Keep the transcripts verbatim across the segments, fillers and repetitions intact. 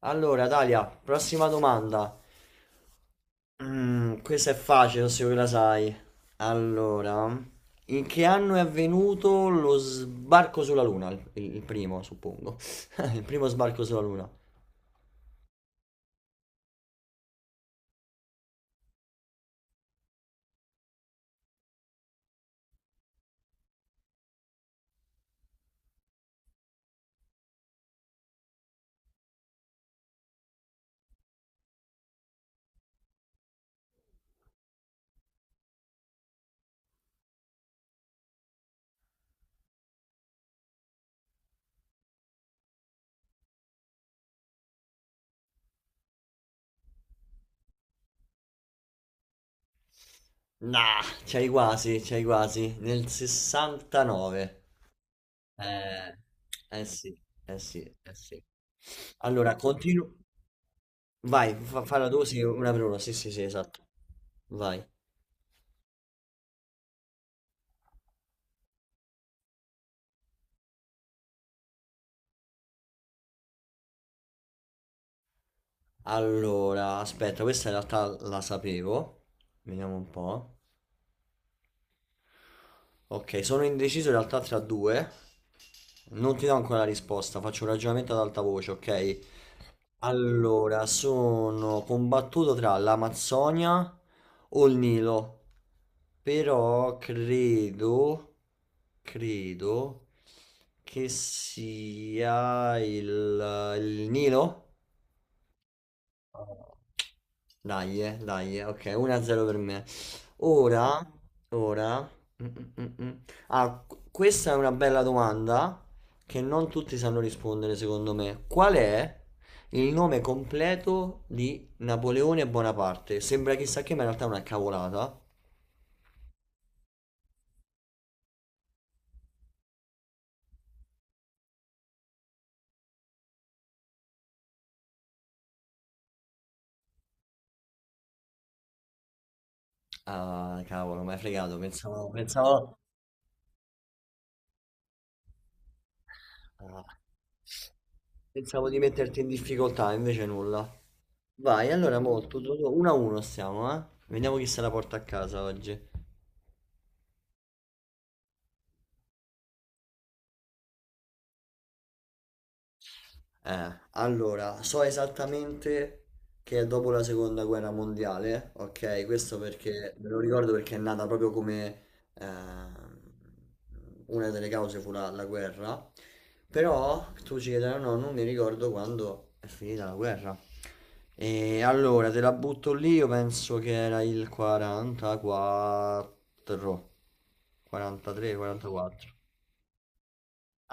Allora, Dalia, prossima domanda. Mm, questa è facile, se la sai. Allora, in che anno è avvenuto lo sbarco sulla Luna? Il, il primo, suppongo. Il primo sbarco sulla Luna. Nah, c'hai quasi, c'hai quasi. Nel sessantanove. Eh, Eh sì, eh sì. Eh sì. Allora, continuo. Vai, fa- falla tu, sì, una per una. Sì, sì, sì, esatto. Vai. Allora, aspetta, questa in realtà la sapevo. Vediamo un po'. Ok, sono indeciso in realtà tra due. Non ti do ancora la risposta, faccio un ragionamento ad alta voce, ok? Allora, sono combattuto tra l'Amazzonia o il Nilo. Però credo, credo che sia il, il Nilo. Dai, eh, dai, eh, ok, uno a zero per me. Ora, ora... mm, mm, mm, mm. Ah, qu- questa è una bella domanda che non tutti sanno rispondere, secondo me. Qual è il nome completo di Napoleone Bonaparte? Sembra chissà che, ma in realtà è una cavolata. Ah, cavolo, mi hai fregato, pensavo, pensavo, ah, pensavo di metterti in difficoltà, invece nulla. Vai, allora molto, uno a uno stiamo, eh? Vediamo chi se la porta a casa oggi. Eh, allora, so esattamente che è dopo la seconda guerra mondiale, ok? Questo perché me lo ricordo perché è nata proprio come ehm, una delle cause fu la, la guerra. Però tu ci chiederai, no, non mi ricordo quando è finita la guerra. E allora te la butto lì, io penso che era il quarantaquattro, quarantatré, quarantaquattro.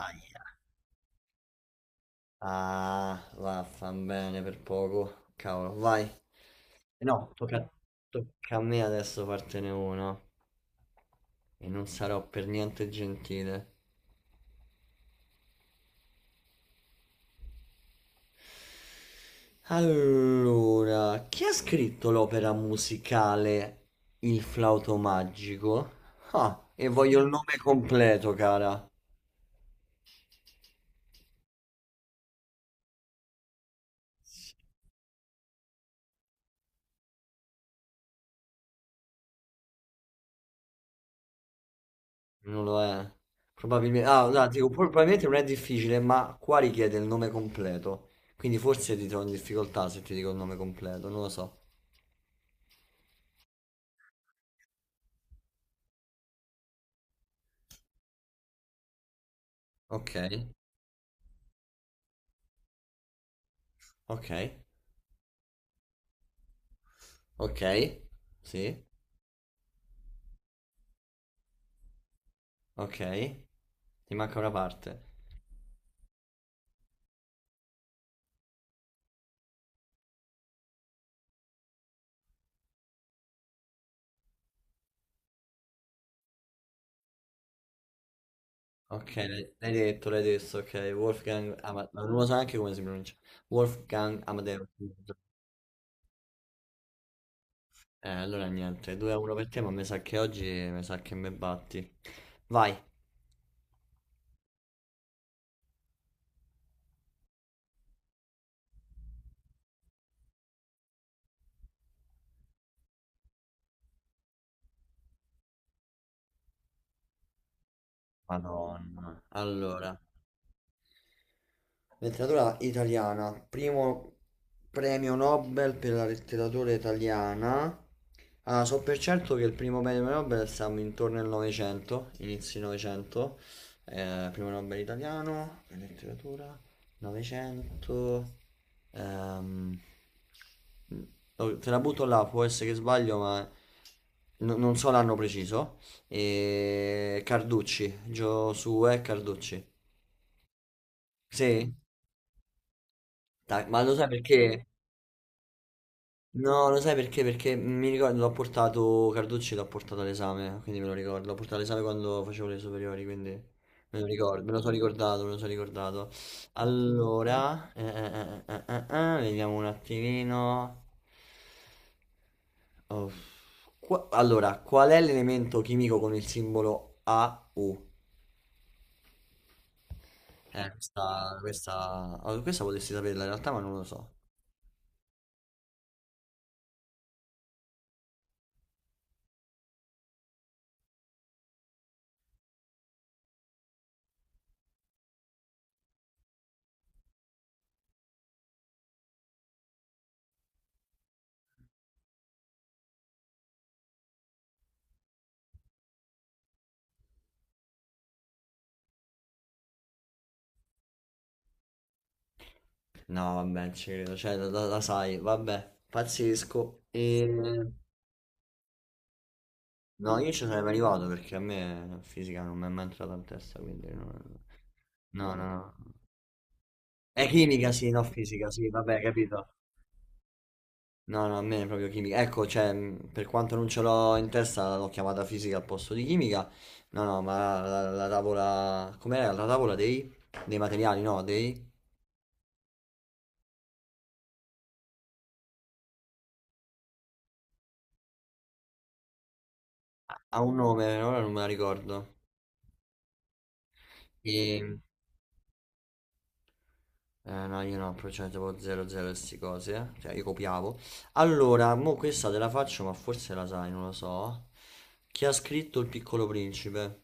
Ahia. Ah, vaffanbene per poco. Cavolo, vai. Eh no, tocca, tocca a me adesso fartene uno. E non sarò per niente gentile. Allora, chi ha scritto l'opera musicale Il flauto magico? Ah, e voglio il nome completo, cara. Non lo è. Probabilmente, ah, no, dico, probabilmente non è difficile, ma qua richiede il nome completo. Quindi forse ti trovo in difficoltà se ti dico il nome completo, non lo so. Ok, ok, ok, sì, ok, ti manca una parte. Ok, l'hai l'hai detto, l'hai detto, ok, Wolfgang Amadeus, non lo so neanche come si pronuncia. Wolfgang Amadeus. Eh, allora niente, due a uno per te, ma mi sa che oggi mi sa che me batti. Vai. Madonna. Allora, letteratura italiana, primo premio Nobel per la letteratura italiana. Ah, so per certo che il primo premio Nobel siamo intorno al Novecento, inizi Novecento. Eh, primo Nobel italiano, per letteratura, Novecento. Ehm, oh, te la butto là, può essere che sbaglio, ma no- non so l'anno preciso. E Carducci, Giosuè Carducci. Sì? Dai, ma lo sai perché? No, lo sai perché? Perché mi ricordo, l'ho portato, Carducci l'ho portato all'esame, quindi me lo ricordo. L'ho portato all'esame quando facevo le superiori, quindi me lo ricordo, me lo sono ricordato, me lo sono ricordato. Allora, eh, eh, eh, eh, eh, eh, eh, vediamo un attimino. Oh, qua- allora, qual è l'elemento chimico con il simbolo A U? Eh, questa, questa, oh, questa potresti saperla in realtà, ma non lo so. No, vabbè, non ci credo, cioè, la, la- la sai, vabbè, pazzesco. E... No, io ci sarei arrivato perché a me la fisica non mi è mai entrata in testa, quindi non. No, no, no. È chimica, sì, no, fisica, sì, vabbè, capito. No, no, a me è proprio chimica. Ecco, cioè, mh, per quanto non ce l'ho in testa, l'ho chiamata fisica al posto di chimica. No, no, ma la, la- la tavola. Com'era? La tavola dei... dei materiali, no, dei. Ha un nome, ora non me la ricordo. E... Eh, no, io no, però c'era tipo zero zero e sti cose, eh. Cioè, io copiavo. Allora, mo questa te la faccio, ma forse la sai, non lo so. Chi ha scritto Il Piccolo Principe?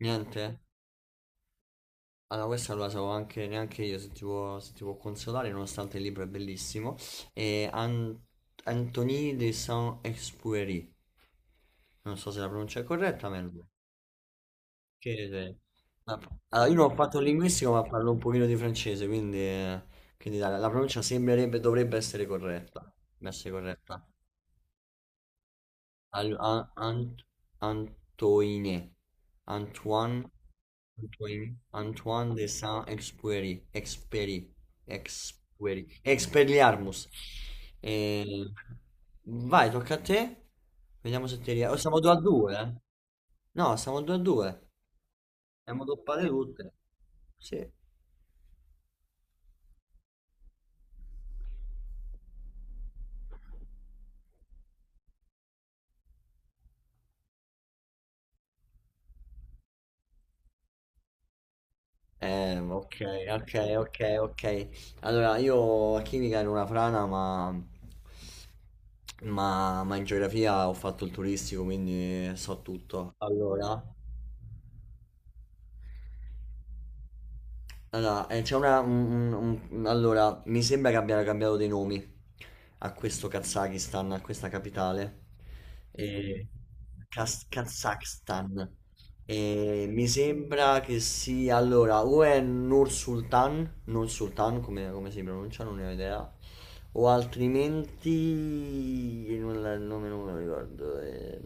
Niente? Allora, questa non la so anche, neanche io, se ti può, se ti può consolare, nonostante il libro è bellissimo. E An- Anthony de Saint-Exupéry. Non so se la pronuncia è corretta, ma è lui. Che sei? Ma- Allora, io non ho fatto il linguistico, ma parlo un pochino di francese, quindi, eh, quindi la, la pronuncia sembrerebbe, dovrebbe essere corretta. Dovrebbe essere corretta. Al- a- Ant- Antoine. Antoine. Antoine. Antoine de Saint-Exupéry. Exupéry. Exupéry. Expelliarmus. Eh, vai, tocca a te. Vediamo se ti riesco. Oh, siamo due a due, eh? No, siamo due a due. Siamo doppate tutte. Sì. Eh, ok, ok, ok, ok. Allora, io a chimica ero una frana, ma, ma, ma in geografia ho fatto il turistico, quindi so tutto. Allora, Allora, eh, c'è una. Un- un- un- allora, mi sembra che abbiano cambiato dei nomi a questo Kazakistan, a questa capitale. E... Kaz- Kazakhstan. E mi sembra che sia. Allora, o è Nur Sultan, Nur Sultan, come, come si pronuncia, non ne ho idea, o altrimenti non la- il nome non me lo ricordo. Ehm,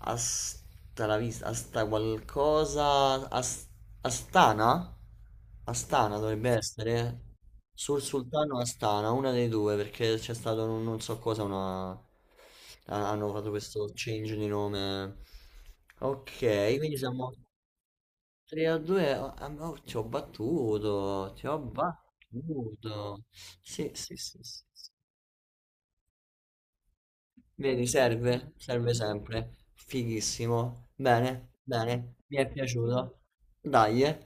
Asta la vista Asta qualcosa As- Astana, Astana dovrebbe essere, eh. Sul Sultano Astana, una dei due, perché c'è stato, non, non so cosa, una ha- hanno fatto questo change di nome. Ok, quindi siamo tre a due, amore, ci ho battuto, ci ho battuto. Sì, sì, sì, sì, sì. Vedi, serve, serve sempre. Fighissimo. Bene, bene, mi è piaciuto. Dai, eh.